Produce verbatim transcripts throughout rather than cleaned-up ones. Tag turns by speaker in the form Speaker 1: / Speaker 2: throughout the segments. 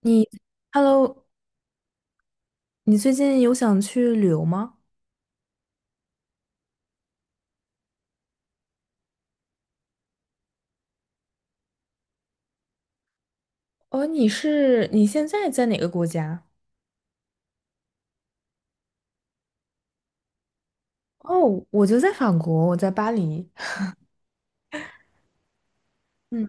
Speaker 1: 你，Hello，你最近有想去旅游吗？哦，你是你现在在哪个国家？哦，我就在法国，我在巴黎。嗯，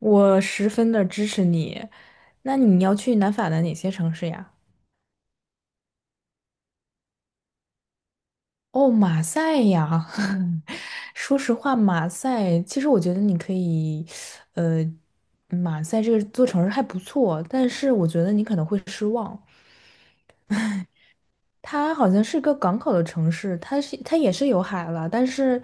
Speaker 1: 我十分的支持你。那你要去南法的哪些城市呀？哦，马赛呀。说实话，马赛，其实我觉得你可以，呃，马赛这个座城市还不错，但是我觉得你可能会失望。它好像是个港口的城市，它是它也是有海了，但是，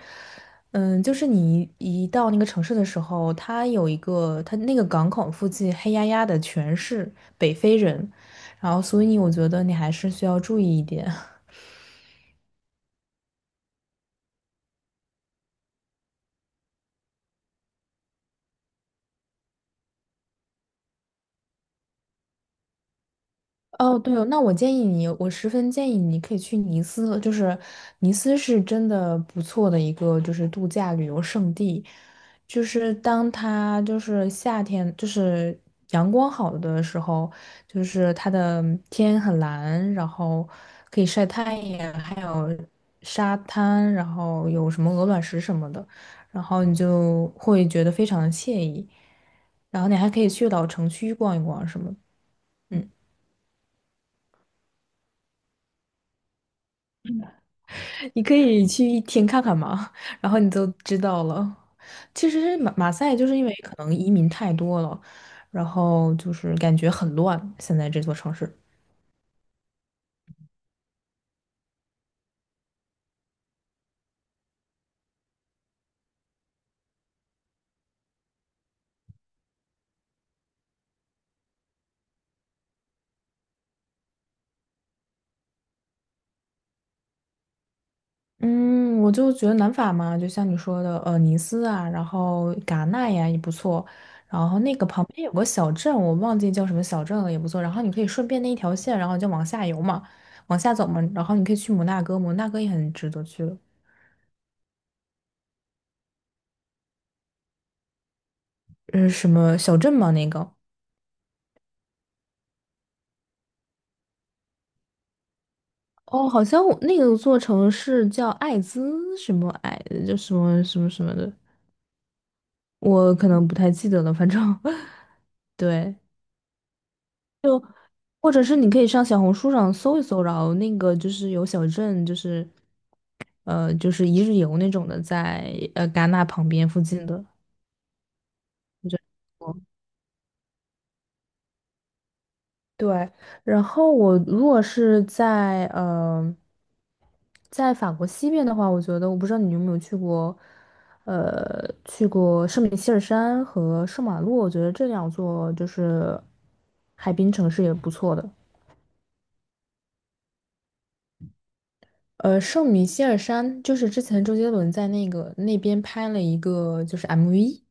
Speaker 1: 嗯，就是你一到那个城市的时候，它有一个它那个港口附近黑压压的全是北非人，然后所以我觉得你还是需要注意一点。哦，对哦，那我建议你，我十分建议你可以去尼斯，就是尼斯是真的不错的一个就是度假旅游胜地，就是当它就是夏天就是阳光好的时候，就是它的天很蓝，然后可以晒太阳，还有沙滩，然后有什么鹅卵石什么的，然后你就会觉得非常的惬意，然后你还可以去老城区逛一逛什么的。嗯，你可以去一天看看嘛，然后你就知道了。其实马马赛就是因为可能移民太多了，然后就是感觉很乱，现在这座城市。嗯，我就觉得南法嘛，就像你说的，呃，尼斯啊，然后戛纳呀也不错，然后那个旁边有个小镇，我忘记叫什么小镇了，也不错。然后你可以顺便那一条线，然后就往下游嘛，往下走嘛，然后你可以去摩纳哥，摩纳哥也很值得去了。嗯，什么小镇嘛那个。哦，好像我那个座城市叫艾滋什么艾，就什么什么什么的，我可能不太记得了，反正 对，就或者是你可以上小红书上搜一搜，然后那个就是有小镇，就是呃，就是一日游那种的在，呃戛纳旁边附近的，我觉得。对，然后我如果是在呃，在法国西边的话，我觉得我不知道你有没有去过，呃，去过圣米歇尔山和圣马洛，我觉得这两座就是海滨城市也不错的。呃，圣米歇尔山就是之前周杰伦在那个那边拍了一个就是 M V，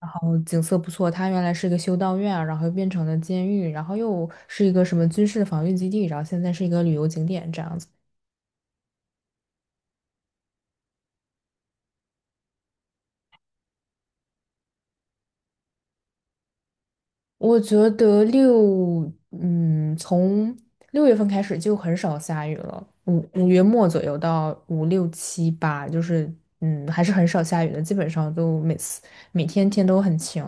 Speaker 1: 然后景色不错。它原来是一个修道院，然后又变成了监狱，然后又是一个什么军事防御基地，然后现在是一个旅游景点这样子。我觉得六，嗯，从六月份开始就很少下雨了，五五月末左右到五六七八，就是嗯，还是很少下雨的，基本上都每次每天天都很晴。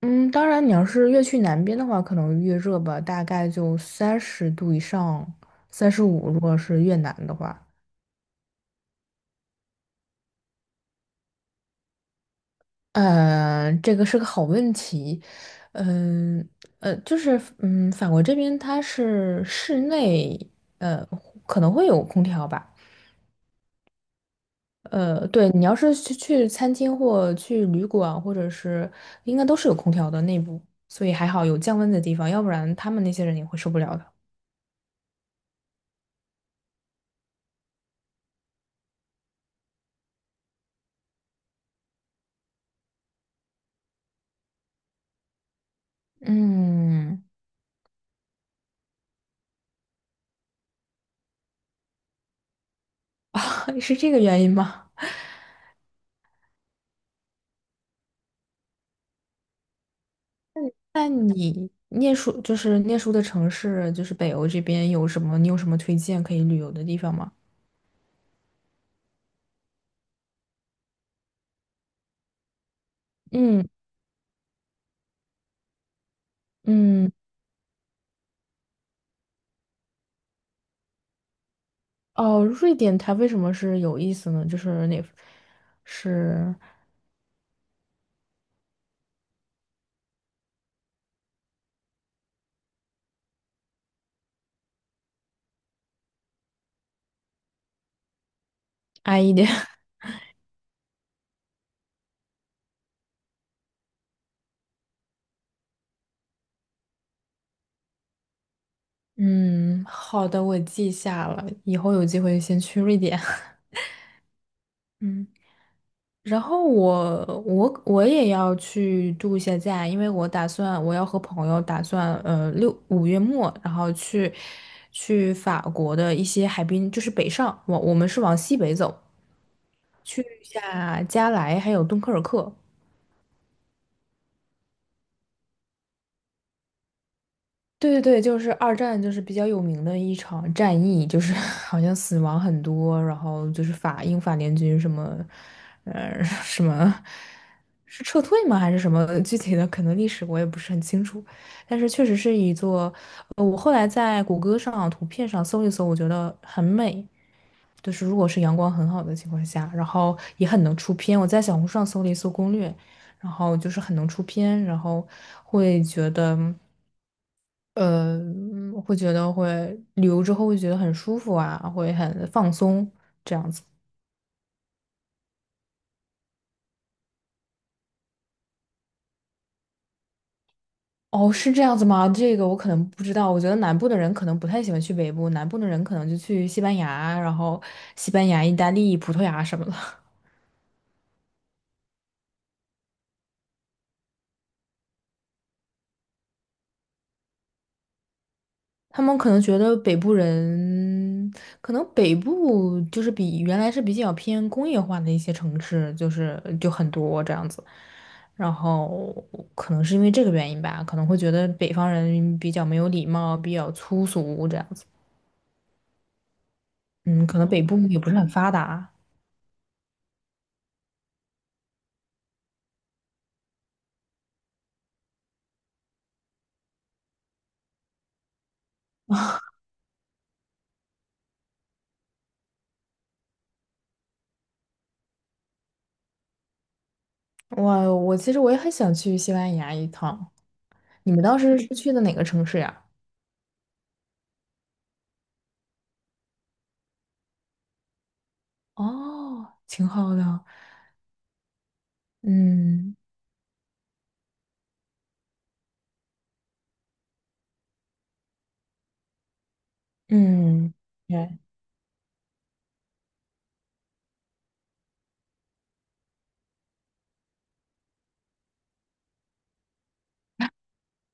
Speaker 1: 嗯，当然你要是越去南边的话，可能越热吧，大概就三十度以上，三十五，如果是越南的话。呃，这个是个好问题。嗯呃，就是嗯，法国这边它是室内，呃，可能会有空调吧。呃，对，你要是去去餐厅或去旅馆，或者是应该都是有空调的内部，所以还好有降温的地方，要不然他们那些人也会受不了的。嗯，是这个原因吗？那你念书就是念书的城市，就是北欧这边有什么？你有什么推荐可以旅游的地方吗？嗯嗯。哦，瑞典它为什么是有意思呢？就是哪是安逸点？嗯，好的，我记下了，以后有机会先去瑞典。嗯，然后我我我也要去度一下假，因为我打算我要和朋友打算呃六五月末，然后去去法国的一些海滨，就是北上，我我们是往西北走，下加莱还有敦刻尔克。对对对，就是二战，就是比较有名的一场战役，就是 好像死亡很多，然后就是法英法联军什么，呃，什么是撤退吗？还是什么具体的？可能历史我也不是很清楚，但是确实是一座，呃我后来在谷歌上图片上搜一搜，我觉得很美，就是如果是阳光很好的情况下，然后也很能出片。我在小红书上搜了一搜攻略，然后就是很能出片，然后会觉得，呃，会觉得会旅游之后会觉得很舒服啊，会很放松。哦，是这样子吗？这个我可能不知道。我觉得南部的人可能不太喜欢去北部，南部的人可能就去西班牙，然后西班牙、意大利、葡萄牙什么的。他们可能觉得北部人，可能北部就是比原来是比较偏工业化的一些城市，就是就很多这样子，然后可能是因为这个原因吧，可能会觉得北方人比较没有礼貌，比较粗俗这样子。嗯，可能北部也不是很发达。我我其实我也很想去西班牙一趟。你们当时是去的哪个城市呀？哦，挺好的。嗯嗯，对，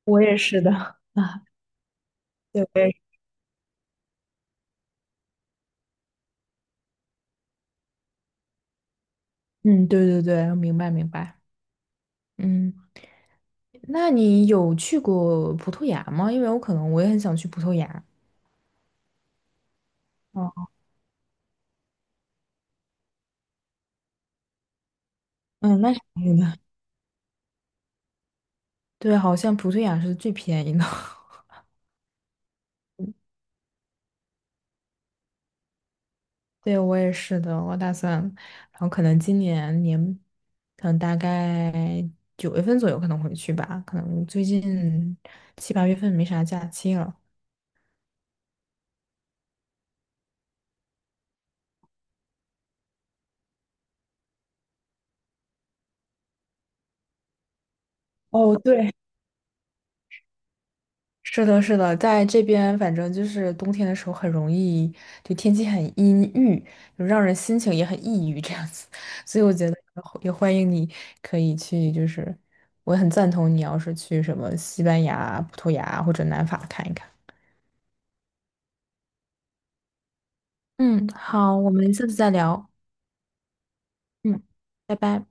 Speaker 1: 我也是的。啊。对，嗯，对对对，明白明白。嗯，那你有去过葡萄牙吗？因为我可能我也很想去葡萄牙。哦，嗯，那是肯定的。对，好像葡萄牙是最便宜的。对，我也是的，我打算，然后可能今年年，可能大概九月份左右可能回去吧，可能最近七八月份没啥假期了。哦，对，是的，是的，在这边反正就是冬天的时候很容易，就天气很阴郁，就让人心情也很抑郁这样子，所以我觉得也欢迎你可以去，就是我很赞同你要是去什么西班牙、葡萄牙或者南法看一看。嗯，好，我们下次再聊。嗯，拜拜。